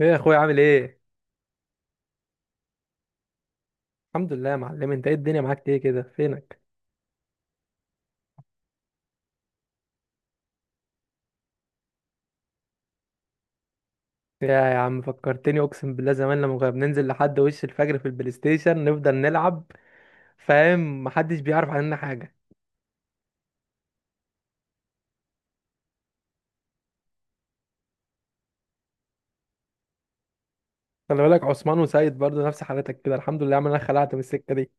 ايه يا اخويا؟ عامل ايه؟ الحمد لله يا معلم. انت ايه؟ الدنيا معاك ايه كده؟ فينك؟ يا عم فكرتني، اقسم بالله زمان لما كنا بننزل لحد وش الفجر في البلاي ستيشن نفضل نلعب، فاهم؟ محدش بيعرف عننا حاجه. خلي بالك عثمان وسيد برضه نفس حالتك كده. الحمد لله يا عم انا خلعت من السكه دي.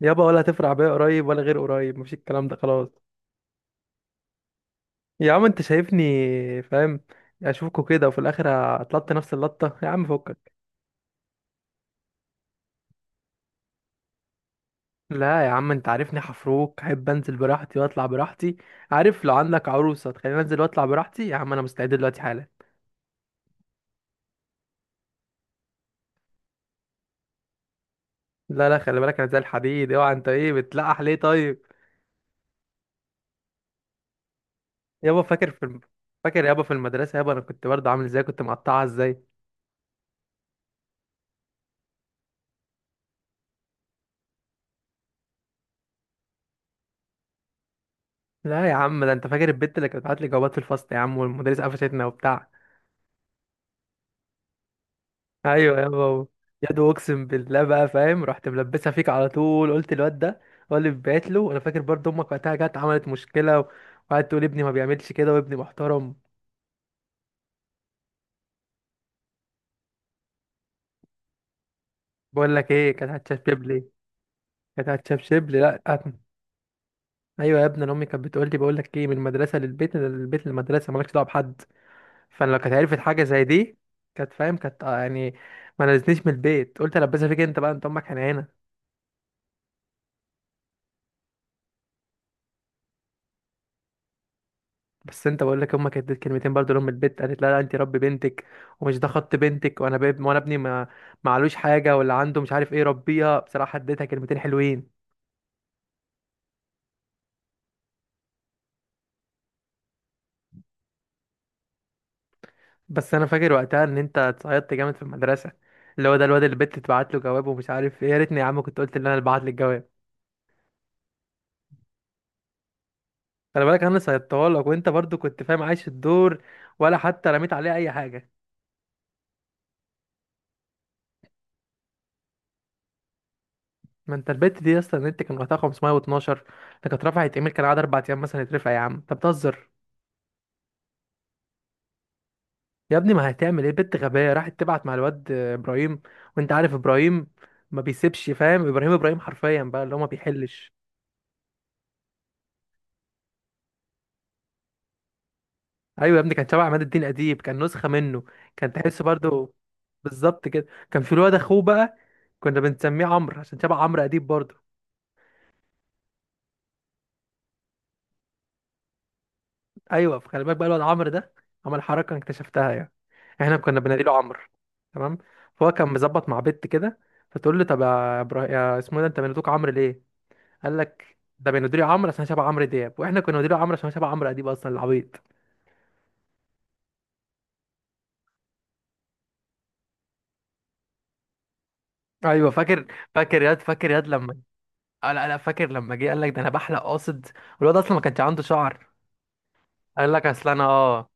يابا ولا هتفرع بيا قريب ولا غير قريب، مفيش الكلام ده خلاص. يا عم انت شايفني فاهم؟ اشوفكوا كده وفي الاخر اتلطت نفس اللطه، يا عم فكك. لا يا عم انت عارفني، حفروك احب انزل براحتي واطلع براحتي. عارف، لو عندك عروسه تخليني انزل واطلع براحتي يا عم انا مستعد دلوقتي حالا. لا لا خلي بالك، انا زي الحديد، اوعى. انت ايه بتلقح ليه طيب؟ يابا فاكر فاكر يابا في المدرسه، يابا انا كنت برضه عامل ازاي، كنت مقطعها ازاي. لا يا عم، ده انت فاكر البت اللي كانت بتبعت لي جوابات في الفصل يا عم، والمدرس قفشتنا وبتاع. ايوه يا بابا، يا دو اقسم بالله بقى فاهم، رحت ملبسها فيك على طول، قلت الواد ده هو اللي بعت له. انا فاكر برضه امك وقتها جت عملت مشكله وقعدت تقول ابني ما بيعملش كده وابني محترم. بقول لك ايه؟ كانت هتشبشب لي، كانت هتشبشب لي، لا. ايوه يا ابني، انا امي كانت بتقول لي بقول لك ايه، من المدرسه للبيت من البيت للمدرسه، مالكش دعوه بحد. فانا لو كانت عرفت حاجه زي دي كانت، فاهم؟ كانت يعني ما نزلتنيش من البيت. قلت البسها فيك انت بقى، انت امك حنينه. بس انت، بقول لك امك كانت اديت كلمتين برضه لام البيت، قالت لا لا انت ربي بنتك ومش ده خط بنتك، وانا باب وانا ابني ما معلوش حاجه، ولا عنده مش عارف ايه، ربيها. بصراحه اديتها كلمتين حلوين. بس انا فاكر وقتها ان انت اتصيدت جامد في المدرسه، اللي هو ده الواد اللي البت تبعت له جواب ومش عارف ايه. يا ريتني يا عم كنت قلت ان انا اللي بعت لك الجواب. خلي بالك انا صيدتها لك، وانت برضه كنت فاهم عايش الدور، ولا حتى رميت عليها اي حاجه. ما انت البت دي اصلا، النت كان وقتها 512. ده كانت رفعت ايميل كان قعد اربع ايام مثلا يترفع. يا عم انت بتهزر؟ يا ابني ما هتعمل ايه، بنت غبية راحت تبعت مع الواد ابراهيم، وانت عارف ابراهيم ما بيسيبش، فاهم؟ ابراهيم، ابراهيم حرفيا بقى اللي هو ما بيحلش. ايوه يا ابني، كان شبه عماد الدين اديب، كان نسخة منه، كان تحسه برضو. بالظبط كده. كان في الواد اخوه بقى، كنا بنسميه عمرو عشان شبه عمرو اديب برضو. ايوه فخلي بالك بقى، الواد عمرو ده عمل حركة انا اكتشفتها يعني. احنا كنا بناديله عمرو. تمام. فهو كان مظبط مع بنت كده، فتقول له طب يا ابراهيم يا اسمه إيه ده، انت بنادوك عمرو ليه؟ قال لك ده بندري عمرو عشان شبه عمرو دياب، واحنا كنا بندري عمرو عشان شبه عمرو اديب، اصلا العبيط. ايوه فاكر، فاكر ياد لما، آه لا لا، فاكر لما جه قال لك ده انا بحلق قاصد، والواد اصلا ما كانش عنده شعر. قال لك اصل انا اه،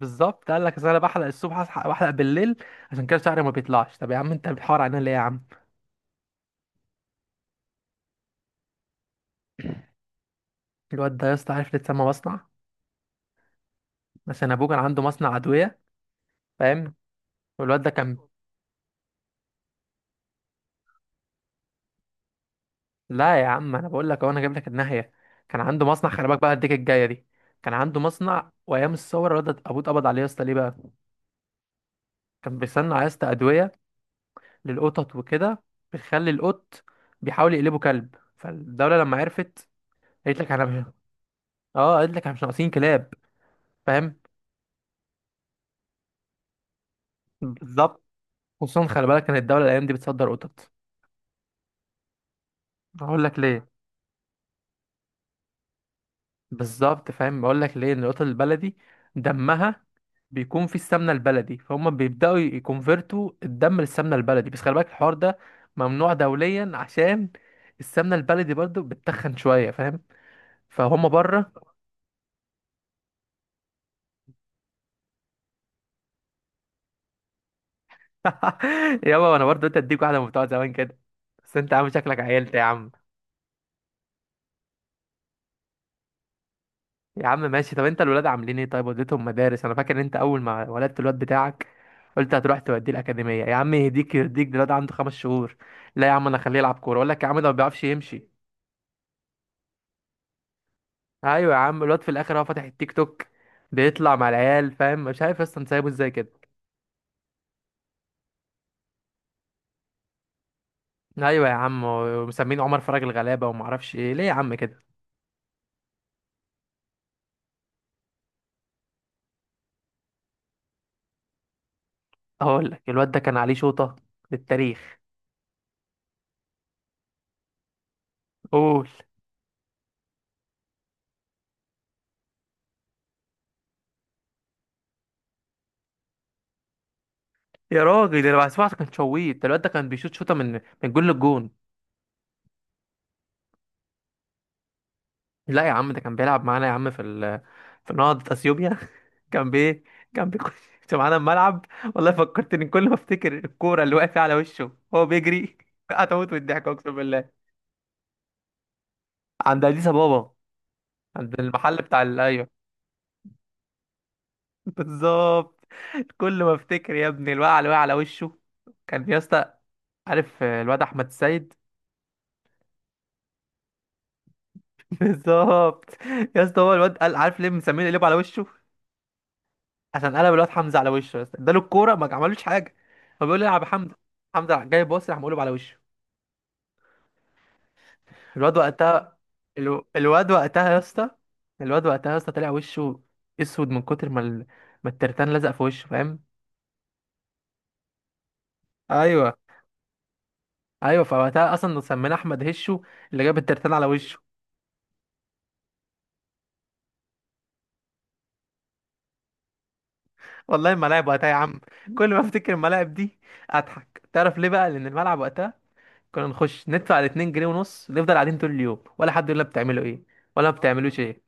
بالظبط قال لك اصل انا بحلق الصبح، اصحى بحلق بالليل، عشان كده شعري ما بيطلعش. طب يا عم انت بتحور علينا ليه يا عم؟ الواد ده يا اسطى عارف ليه اتسمى مصنع؟ عشان ابوه كان عنده مصنع ادويه، فاهم؟ والواد ده كان، لا يا عم انا بقول لك اهو، انا جايب لك الناحيه. كان عنده مصنع، خلي بالك بقى الديك الجايه دي. كان عنده مصنع، وايام الثوره الواد ده ابوه اتقبض عليه يا اسطى. ليه بقى؟ كان بيصنع يا اسطى ادويه للقطط وكده، بتخلي القط بيحاول يقلبه كلب. فالدوله لما عرفت قالت لك احنا مش- اه قالت لك احنا مش ناقصين كلاب، فاهم؟ بالظبط. خصوصا خلي بالك، كانت الدوله الايام دي بتصدر قطط. هقول لك ليه. بالظبط فاهم، بقول لك ليه، إن القطط البلدي دمها بيكون فيه السمنه البلدي، فهم بيبداوا يكونفرتوا الدم للسمنه البلدي. بس خلي بالك الحوار ده ممنوع دوليا، عشان السمنه البلدي برضو بتتخن شويه، فاهم؟ فهم بره. يابا وانا برضو قلت اديك واحده من بتوع زمان كده، بس انت عامل شكلك عيلت يا عم. يا عم ماشي، طب انت الولاد عاملين ايه طيب، وديتهم مدارس؟ انا فاكر ان انت اول ما ولدت الواد بتاعك قلت هتروح توديه الاكاديميه. يا عم يهديك يرضيك، ده الواد عنده خمس شهور. لا يا عم انا اخليه يلعب كوره. اقول لك يا عم ده ما بيعرفش يمشي. ايوه يا عم، الواد في الاخر هو فاتح التيك توك، بيطلع مع العيال، فاهم؟ مش عارف اصلا سايبه ازاي كده. ايوه يا عم، ومسمين عمر فرج الغلابه وما اعرفش ايه، ليه يا عم كده؟ اقول لك الواد ده كان عليه شوطه، للتاريخ. قول. يا راجل انا سمعت كان شويت، ده الواد ده كان بيشوط شوطه من من جون للجون. لا يا عم، ده كان بيلعب معانا يا عم في في نهضة اثيوبيا. كان بي كان بيخش معانا الملعب. والله فكرتني، كل ما افتكر الكوره اللي واقفه على وشه وهو بيجري هتموت من الضحك اقسم بالله. عند اديس ابابا، عند المحل بتاع ايوه. بالظبط. كل ما افتكر يا ابني الوقعه اللي وقع على وشه، كان يا اسطى، عارف الواد احمد السيد؟ بالظبط. يا اسطى، هو الواد قال عارف ليه مسمينه قلبه على وشه؟ عشان قلب الواد حمزه على وشه، بس اداله الكوره ما عملوش حاجه. هو بيقول لي العب يا حمزه، حمزه راح جاي باص، راح مقلب على وشه. الواد وقتها، الواد وقتها يا اسطى، الواد وقتها يا اسطى طلع وشه اسود من كتر ما ما الترتان لزق في وشه، فاهم؟ ايوه ايوه، فوقتها اصلا سمينا احمد هشو اللي جاب الترتان على وشه. والله الملاعب وقتها يا عم، كل ما افتكر الملاعب دي اضحك. تعرف ليه بقى؟ لان الملعب وقتها كنا نخش ندفع الاتنين جنيه ونص، نفضل قاعدين طول اليوم، ولا حد يقول لنا بتعملوا ايه ولا ما بتعملوش ايه.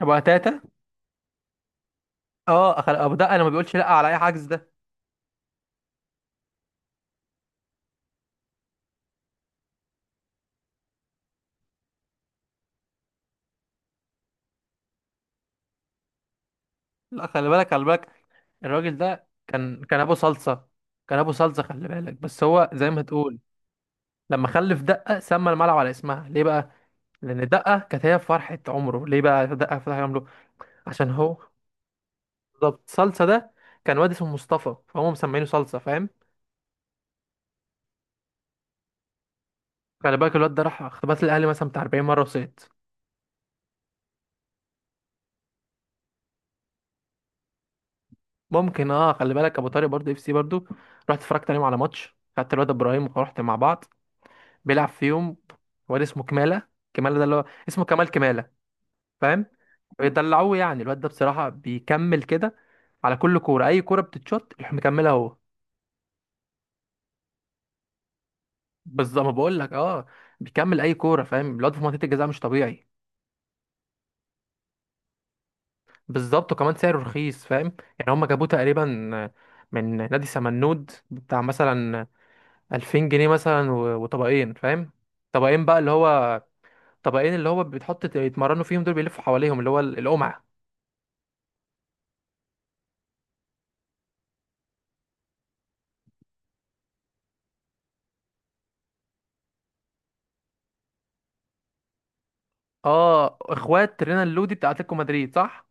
ابو تاتا. اه ابو دقه، انا ما بيقولش لا على اي حجز ده. لا خلي بالك، خلي بالك، الراجل ده كان ابو صلصه. كان ابو صلصه، خلي بالك، بس هو زي ما تقول، لما خلف دقه سمى الملعب على اسمها. ليه بقى؟ لان دقه كانت هي فرحه عمره. ليه بقى دقه فرحه عمره؟ عشان هو، بالظبط. صلصه ده كان واد اسمه مصطفى، فهم مسمينه صلصه، فاهم؟ خلي بالك الواد ده راح اختبارات الاهلي مثلا بتاع 40 مره وسقط. ممكن اه. خلي بالك ابو طارق برضه اف سي برضه، رحت اتفرجت عليهم على ماتش، خدت الواد ابراهيم ورحت مع بعض. بيلعب فيهم واد اسمه كمالة. كمالة ده اللي هو اسمه كمال، كمالة، فاهم؟ بيدلعوه يعني. الواد ده بصراحة بيكمل كده على كل كورة، أي كورة بتتشوت يروح مكملها هو. بالظبط، ما بقول لك اه، بيكمل أي كورة. فاهم الواد في منطقة الجزاء مش طبيعي. بالظبط، وكمان سعره رخيص، فاهم؟ يعني هما جابوه تقريبا من نادي سمنود بتاع مثلا 2000 جنيه مثلا، وطبقين، فاهم؟ طبقين بقى اللي هو، طبقين اللي هو بتحط يتمرنوا فيهم، دول بيلفوا حواليهم اللي هو القمع. اه اخوات رينا اللودي بتاع اتلتيكو مدريد، صح؟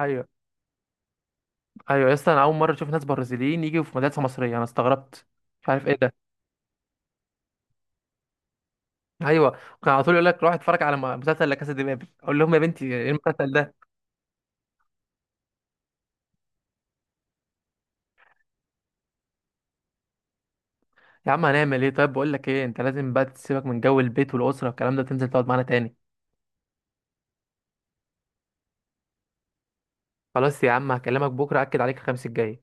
ايوه. ايوه يا اسطى، انا اول مره اشوف ناس برازيليين يجوا في مدرسه مصريه، انا استغربت. مش عارف ايه ده. ايوه، كان على طول يقول لك روح اتفرج على مسلسل لا كاسا دي بابل. اقول لهم يا بنتي ايه المسلسل ده؟ يا عم هنعمل ايه طيب؟ بقول لك ايه، انت لازم بقى تسيبك من جو البيت والاسره والكلام ده، تنزل تقعد معانا تاني. خلاص يا عم هكلمك بكره اكد عليك، الخميس الجاي.